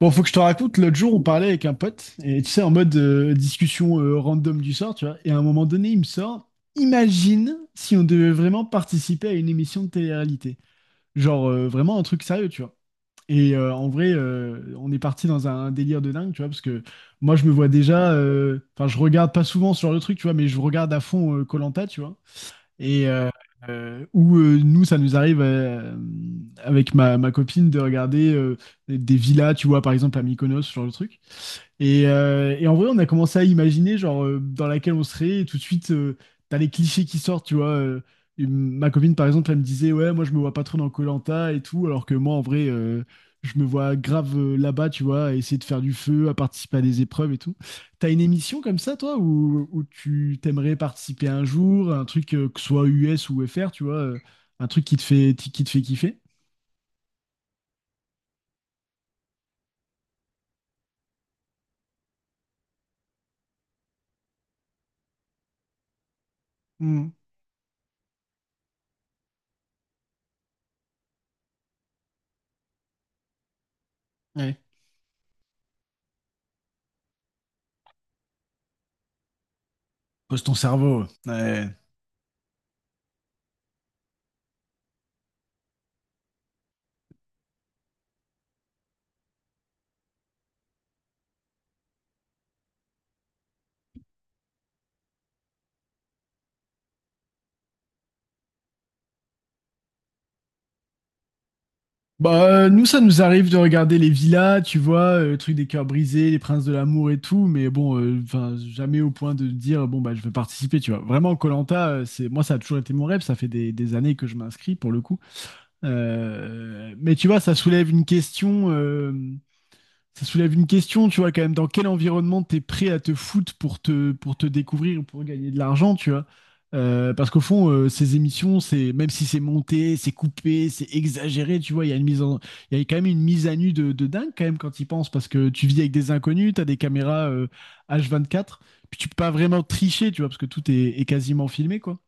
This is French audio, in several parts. Bon, faut que je te raconte, l'autre jour, on parlait avec un pote, et tu sais, en mode discussion random du sort, tu vois, et à un moment donné, il me sort, imagine si on devait vraiment participer à une émission de télé-réalité. Genre, vraiment un truc sérieux, tu vois. Et en vrai, on est parti dans un délire de dingue, tu vois, parce que moi, je me vois déjà, enfin, je regarde pas souvent ce genre de truc, tu vois, mais je regarde à fond koh tu vois. Et où nous, ça nous arrive avec ma copine de regarder des villas, tu vois, par exemple à Mykonos, ce genre de truc. Et en vrai, on a commencé à imaginer, genre, dans laquelle on serait, et tout de suite, t'as les clichés qui sortent, tu vois. Et ma copine, par exemple, elle me disait, ouais, moi, je me vois pas trop dans koh et tout, alors que moi, en vrai, je me vois grave là-bas, tu vois, à essayer de faire du feu, à participer à des épreuves et tout. T'as une émission comme ça, toi, où tu t'aimerais participer un jour, un truc, que ce soit US ou FR, tu vois, un truc qui te fait kiffer? Hmm, ouais. Pose ton cerveau. Ouais. Bah, nous, ça nous arrive de regarder les villas, tu vois, le truc des cœurs brisés, les princes de l'amour et tout, mais bon, enfin, jamais au point de dire, bon, bah, je veux participer, tu vois. Vraiment, koh c'est, moi, ça a toujours été mon rêve, ça fait des années que je m'inscris pour le coup. Mais tu vois, ça soulève une question. Ça soulève une question, tu vois, quand même, dans quel environnement t'es prêt à te foutre pour pour te découvrir, pour gagner de l'argent, tu vois. Parce qu'au fond, ces émissions, c'est même si c'est monté, c'est coupé, c'est exagéré, tu vois, il y a quand même une mise à nu de dingue quand même quand ils pensent, parce que tu vis avec des inconnus, t'as des caméras h quatre puis tu peux pas vraiment tricher, tu vois, parce que tout est quasiment filmé, quoi.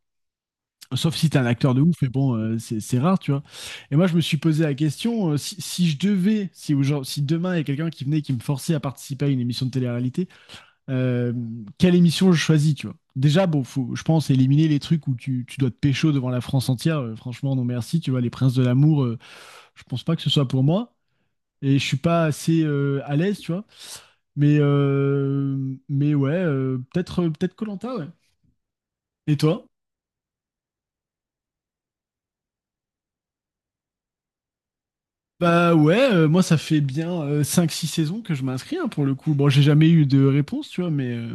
Sauf si t'es un acteur de ouf, mais bon, c'est rare, tu vois. Et moi, je me suis posé la question, si je devais, si demain il y a quelqu'un qui venait et qui me forçait à participer à une émission de télé-réalité, euh, quelle émission je choisis, tu vois. Déjà, bon, faut, je pense éliminer les trucs où tu dois te pécho devant la France entière. Franchement, non merci, tu vois. Les Princes de l'amour, je pense pas que ce soit pour moi. Et je suis pas assez à l'aise, tu vois. Mais, euh, mais ouais, peut-être koh ouais. Et toi? Bah ouais, moi ça fait bien 5-6 saisons que je m'inscris hein, pour le coup. Bon, j'ai jamais eu de réponse, tu vois, mais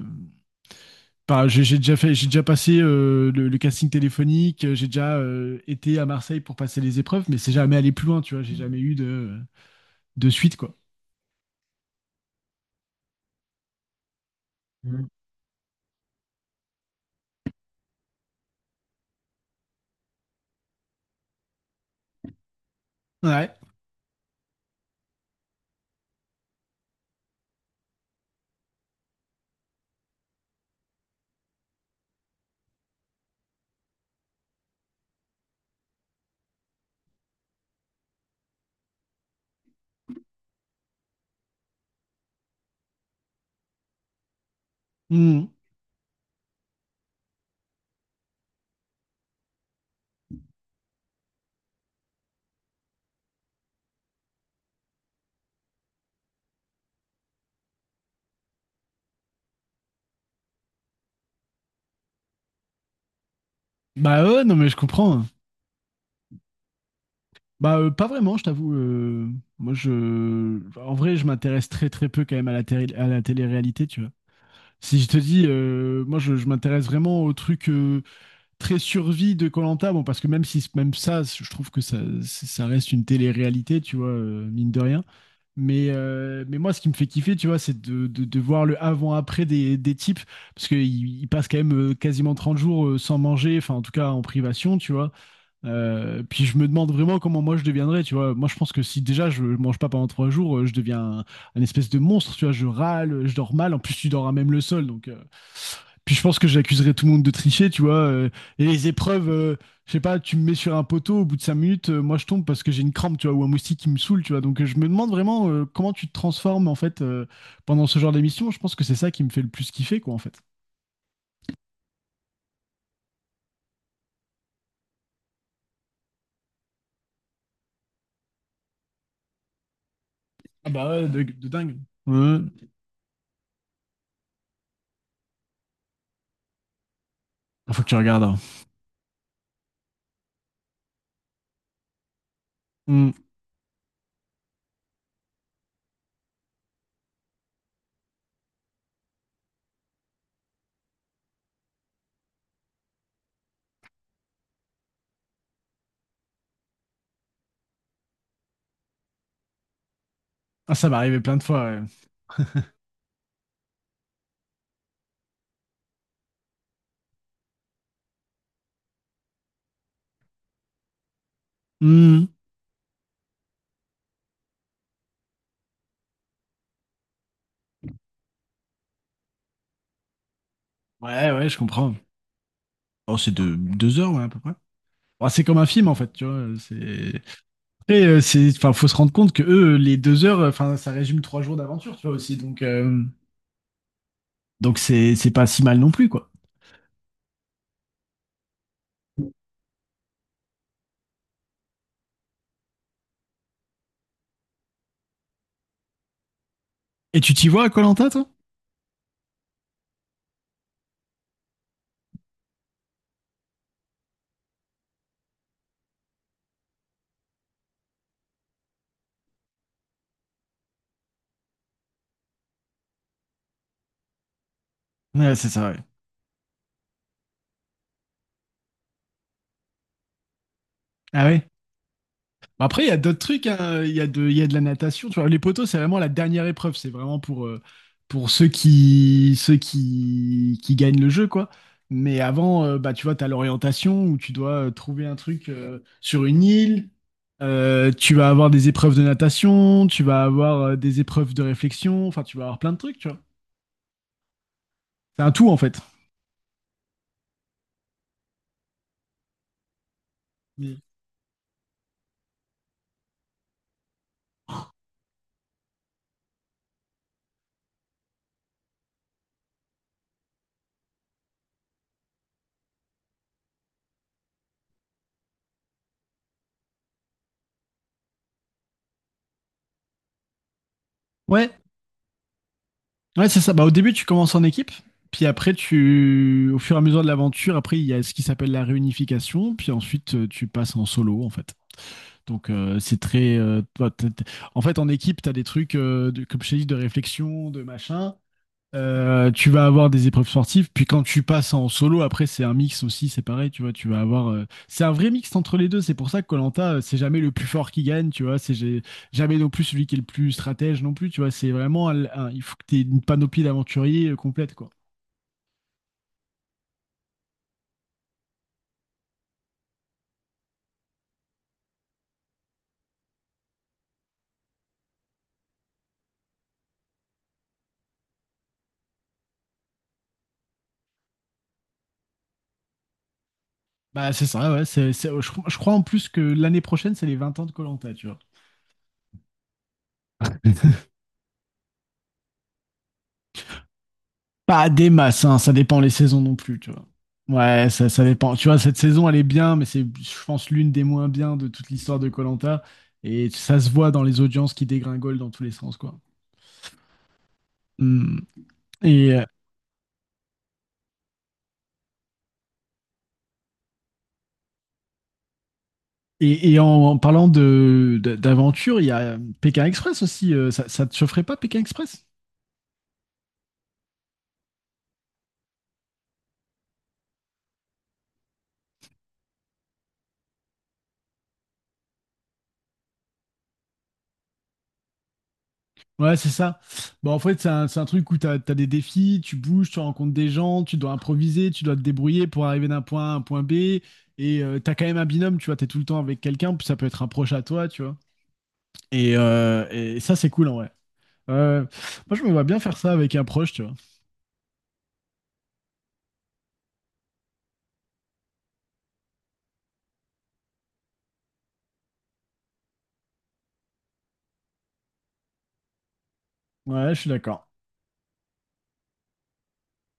bah, j'ai déjà fait, j'ai déjà passé le casting téléphonique, j'ai déjà été à Marseille pour passer les épreuves, mais c'est jamais allé plus loin, tu vois, j'ai jamais eu de suite, quoi. Ouais. Mmh. Bah ouais, non mais je comprends, hein. Bah pas vraiment, je t'avoue. Moi je, en vrai, je m'intéresse très très peu quand même à la télé, à la télé-réalité, tu vois. Si je te dis, moi je m'intéresse vraiment aux trucs. Très survie de Colanta, bon, parce que même si même ça, je trouve que ça reste une télé-réalité, tu vois, mine de rien. Mais moi, ce qui me fait kiffer, tu vois, c'est de voir le avant-après des types, parce qu'ils passent quand même quasiment 30 jours sans manger, enfin, en tout cas en privation, tu vois. Puis je me demande vraiment comment moi je deviendrais, tu vois. Moi, je pense que si déjà je mange pas pendant 3 jours, je deviens un espèce de monstre, tu vois. Je râle, je dors mal, en plus, tu dors à même le sol, donc. Puis je pense que j'accuserais tout le monde de tricher, tu vois. Et les épreuves, je sais pas, tu me mets sur un poteau, au bout de 5 minutes, moi je tombe parce que j'ai une crampe, tu vois, ou un moustique qui me saoule, tu vois. Donc je me demande vraiment comment tu te transformes, en fait, pendant ce genre d'émission. Je pense que c'est ça qui me fait le plus kiffer, quoi, en fait. Ah bah ouais, de dingue. Ouais. Ah, faut que tu regardes, hein. Hmm. Ah, ça m'est arrivé plein de fois, ouais. Hmm. Ouais, ouais, je comprends. Oh, c'est de 2 heures, ouais, à peu près. Bah, c'est comme un film, en fait, tu vois. C'est. Après, enfin, faut se rendre compte que eux, les 2 heures, enfin, ça résume 3 jours d'aventure, tu vois aussi. Donc c'est pas si mal non plus, quoi. Et tu t'y vois à Koh-Lanta, toi? Ouais, c'est ça, ouais. Ah ouais? Bah, après, il y a d'autres trucs, hein. Il y a de la natation. Tu vois, les poteaux, c'est vraiment la dernière épreuve. C'est vraiment pour ceux qui gagnent le jeu, quoi. Mais avant, bah, tu vois, tu as l'orientation où tu dois trouver un truc sur une île. Tu vas avoir des épreuves de natation, tu vas avoir des épreuves de réflexion. Enfin, tu vas avoir plein de trucs, tu vois. C'est un tout, en fait. Oui. Ouais, ouais, c'est ça. Bah, au début, tu commences en équipe, puis après, au fur et à mesure de l'aventure, après, il y a ce qui s'appelle la réunification, puis ensuite, tu passes en solo, en fait. Donc, c'est très. En fait, en équipe, tu as des trucs, comme je t'ai dit, de réflexion, de machin. Tu vas avoir des épreuves sportives, puis quand tu passes en solo, après c'est un mix aussi, c'est pareil, tu vois, tu vas avoir, c'est un vrai mix entre les deux, c'est pour ça que koh c'est jamais le plus fort qui gagne, tu vois, jamais non plus celui qui est le plus stratège non plus, tu vois, c'est vraiment, il faut que tu aies une panoplie d'aventuriers complète, quoi. Bah, c'est ça, ouais. Je crois en plus que l'année prochaine, c'est les 20 ans de koh tu vois. Pas des masses, hein, ça dépend les saisons non plus, tu vois. Ouais, ça dépend. Tu vois, cette saison, elle est bien, mais c'est, je pense, l'une des moins bien de toute l'histoire de koh Et ça se voit dans les audiences qui dégringolent dans tous les sens, quoi. Hmm. Et, et en parlant d'aventure, il y a Pékin Express aussi. Ça, ça te chaufferait pas, Pékin Express? Ouais, c'est ça. Bon, en fait, c'est un truc où tu as des défis, tu bouges, tu rencontres des gens, tu dois improviser, tu dois te débrouiller pour arriver d'un point A à un point B. Et t'as quand même un binôme, tu vois, t'es tout le temps avec quelqu'un, puis ça peut être un proche à toi, tu vois. Et ça, c'est cool en vrai. Euh, moi, je me vois bien faire ça avec un proche, tu vois. Ouais, je suis d'accord.